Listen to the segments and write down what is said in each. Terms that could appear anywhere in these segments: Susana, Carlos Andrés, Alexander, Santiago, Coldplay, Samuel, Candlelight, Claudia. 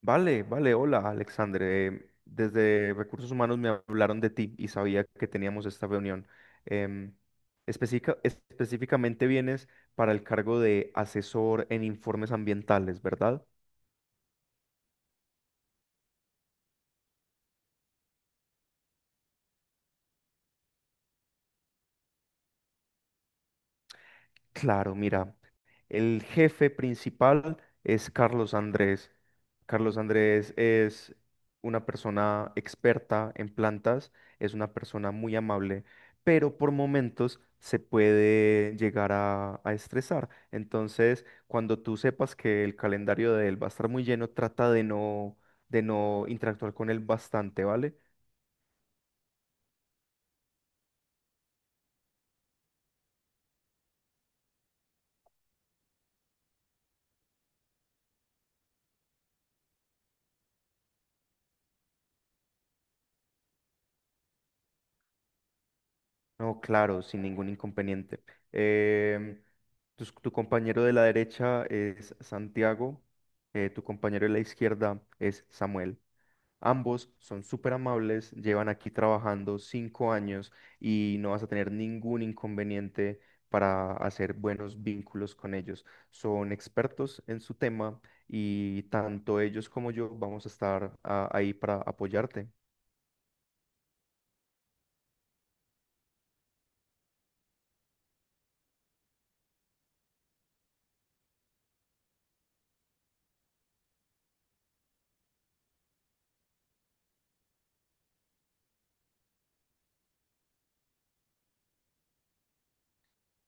Vale, vale, hola Alexander. Desde Recursos Humanos me hablaron de ti y sabía que teníamos esta reunión. Em, específicamente vienes para el cargo de asesor en informes ambientales, ¿verdad? Claro, mira, el jefe principal es Carlos Andrés. Carlos Andrés es una persona experta en plantas, es una persona muy amable, pero por momentos se puede llegar a estresar. Entonces, cuando tú sepas que el calendario de él va a estar muy lleno, trata de no interactuar con él bastante, ¿vale? No, claro, sin ningún inconveniente. Em, tu compañero de la derecha es Santiago, tu compañero de la izquierda es Samuel. Ambos son súper amables, llevan aquí trabajando 5 años y no vas a tener ningún inconveniente para hacer buenos vínculos con ellos. Son expertos en su tema y tanto ellos como yo vamos a estar ahí para apoyarte.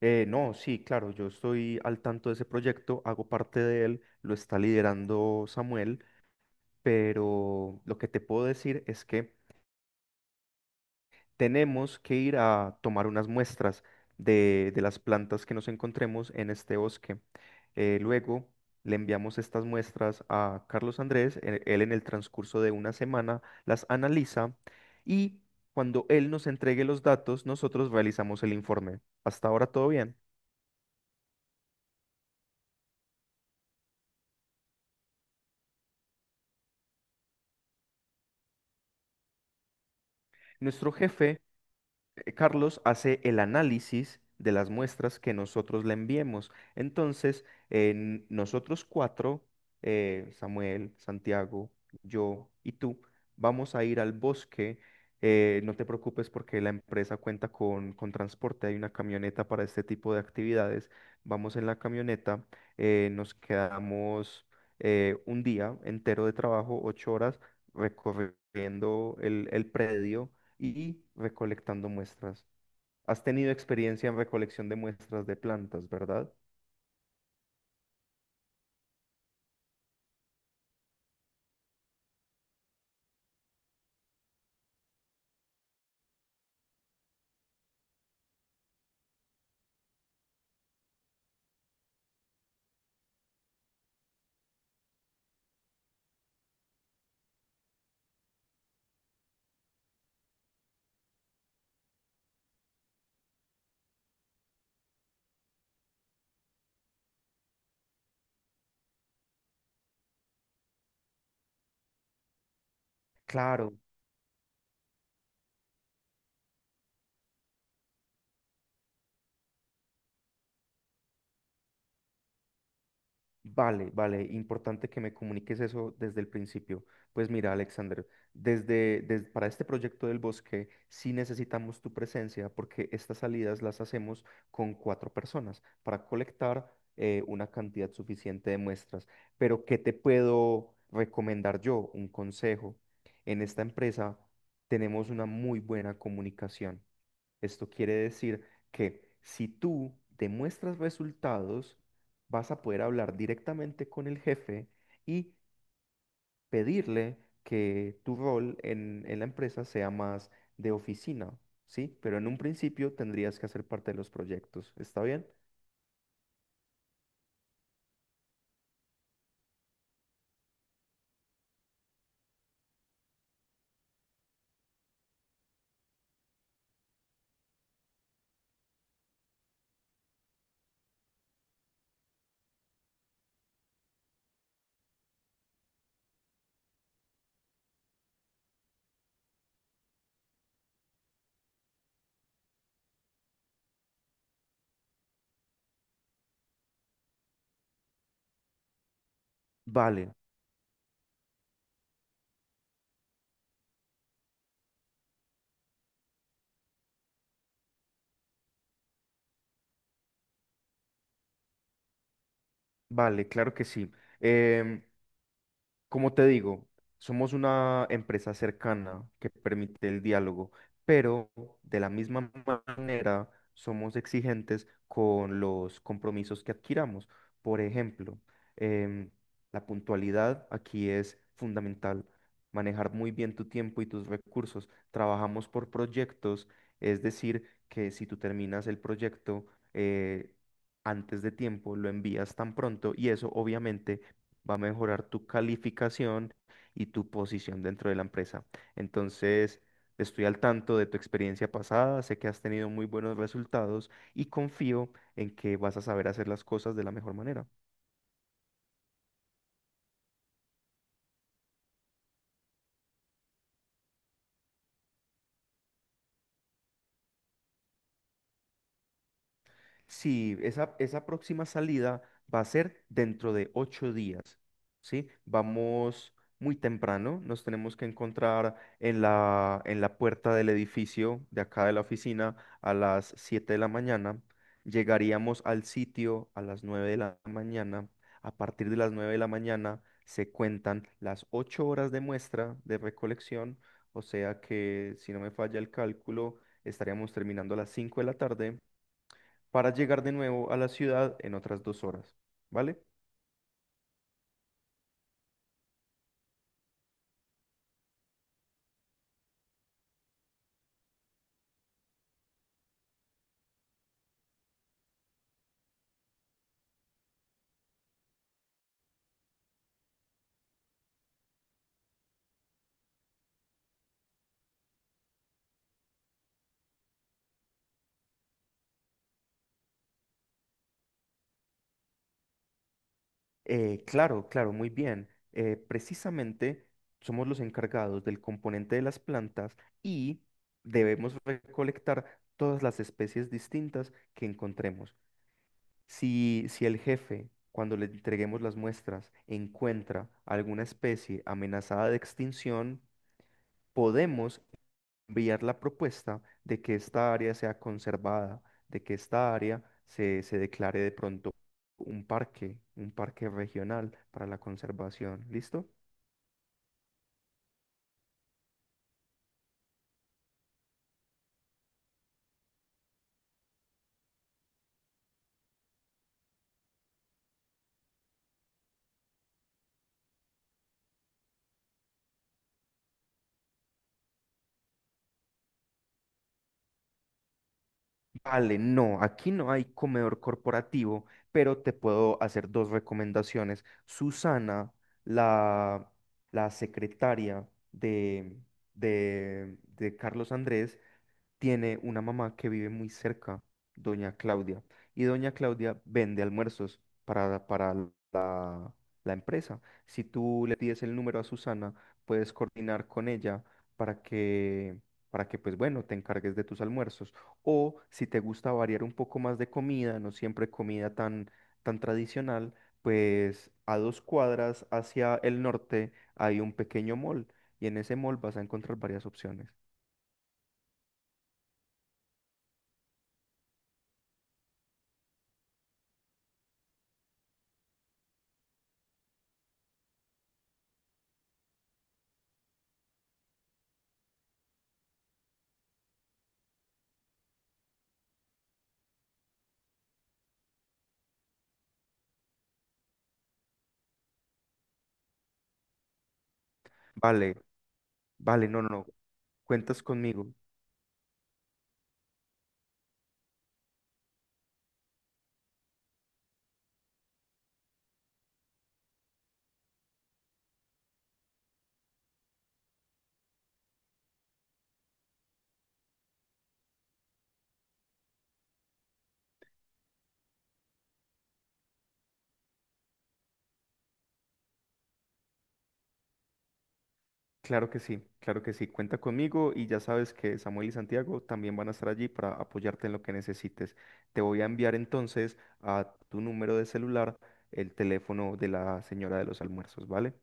No, sí, claro, yo estoy al tanto de ese proyecto, hago parte de él, lo está liderando Samuel, pero lo que te puedo decir es que tenemos que ir a tomar unas muestras de las plantas que nos encontremos en este bosque. Luego le enviamos estas muestras a Carlos Andrés, él en el transcurso de una semana las analiza y cuando él nos entregue los datos, nosotros realizamos el informe. Hasta ahora todo bien. Nuestro jefe Carlos hace el análisis de las muestras que nosotros le enviemos. Entonces, nosotros cuatro, Samuel, Santiago, yo y tú, vamos a ir al bosque. No te preocupes porque la empresa cuenta con transporte, hay una camioneta para este tipo de actividades. Vamos en la camioneta, nos quedamos un día entero de trabajo, 8 horas, recorriendo el predio y recolectando muestras. ¿Has tenido experiencia en recolección de muestras de plantas, verdad? Claro, vale, vale, importante que me comuniques eso desde el principio. Pues mira, Alexander, desde, para este proyecto del bosque sí necesitamos tu presencia porque estas salidas las hacemos con cuatro personas para colectar una cantidad suficiente de muestras. Pero ¿qué te puedo recomendar yo? Un consejo. En esta empresa tenemos una muy buena comunicación. Esto quiere decir que si tú demuestras resultados, vas a poder hablar directamente con el jefe y pedirle que tu rol en la empresa sea más de oficina, ¿sí? Pero en un principio tendrías que hacer parte de los proyectos, ¿está bien? Vale, vale, claro que sí. Em, como te digo, somos una empresa cercana que permite el diálogo, pero de la misma manera somos exigentes con los compromisos que adquiramos. Por ejemplo, em, la puntualidad aquí es fundamental. Manejar muy bien tu tiempo y tus recursos. Trabajamos por proyectos, es decir, que si tú terminas el proyecto eh, antes de tiempo, lo envías tan pronto y eso obviamente va a mejorar tu calificación y tu posición dentro de la empresa. Entonces, estoy al tanto de tu experiencia pasada, sé que has tenido muy buenos resultados y confío en que vas a saber hacer las cosas de la mejor manera. Sí, esa próxima salida va a ser dentro de 8 días, ¿sí? Vamos muy temprano, nos tenemos que encontrar en la puerta del edificio de acá de la oficina a las 7 de la mañana. Llegaríamos al sitio a las 9 de la mañana. A partir de las 9 de la mañana se cuentan las 8 horas de muestra de recolección, o sea que si no me falla el cálculo, estaríamos terminando a las 5 de la tarde para llegar de nuevo a la ciudad en otras 2 horas, ¿vale? Claro, claro, muy bien. Precisamente somos los encargados del componente de las plantas y debemos recolectar todas las especies distintas que encontremos. Si, si el jefe, cuando le entreguemos las muestras, encuentra alguna especie amenazada de extinción, podemos enviar la propuesta de que esta área sea conservada, de que esta área se, se declare de pronto un parque regional para la conservación. ¿Listo? Vale, no, aquí no hay comedor corporativo, pero te puedo hacer dos recomendaciones. Susana, la, la secretaria de Carlos Andrés, tiene una mamá que vive muy cerca, doña Claudia, y doña Claudia vende almuerzos para la, la empresa. Si tú le pides el número a Susana, puedes coordinar con ella para que, para que, pues bueno, te encargues de tus almuerzos. O si te gusta variar un poco más de comida, no siempre comida tan, tan tradicional, pues a dos cuadras hacia el norte hay un pequeño mall y en ese mall vas a encontrar varias opciones. Vale, vale, no, no, no. Cuentas conmigo, claro que sí, cuenta conmigo y ya sabes que Samuel y Santiago también van a estar allí para apoyarte en lo que necesites. Te voy a enviar entonces a tu número de celular el teléfono de la señora de los almuerzos, ¿vale?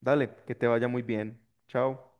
Dale, que te vaya muy bien. Chao.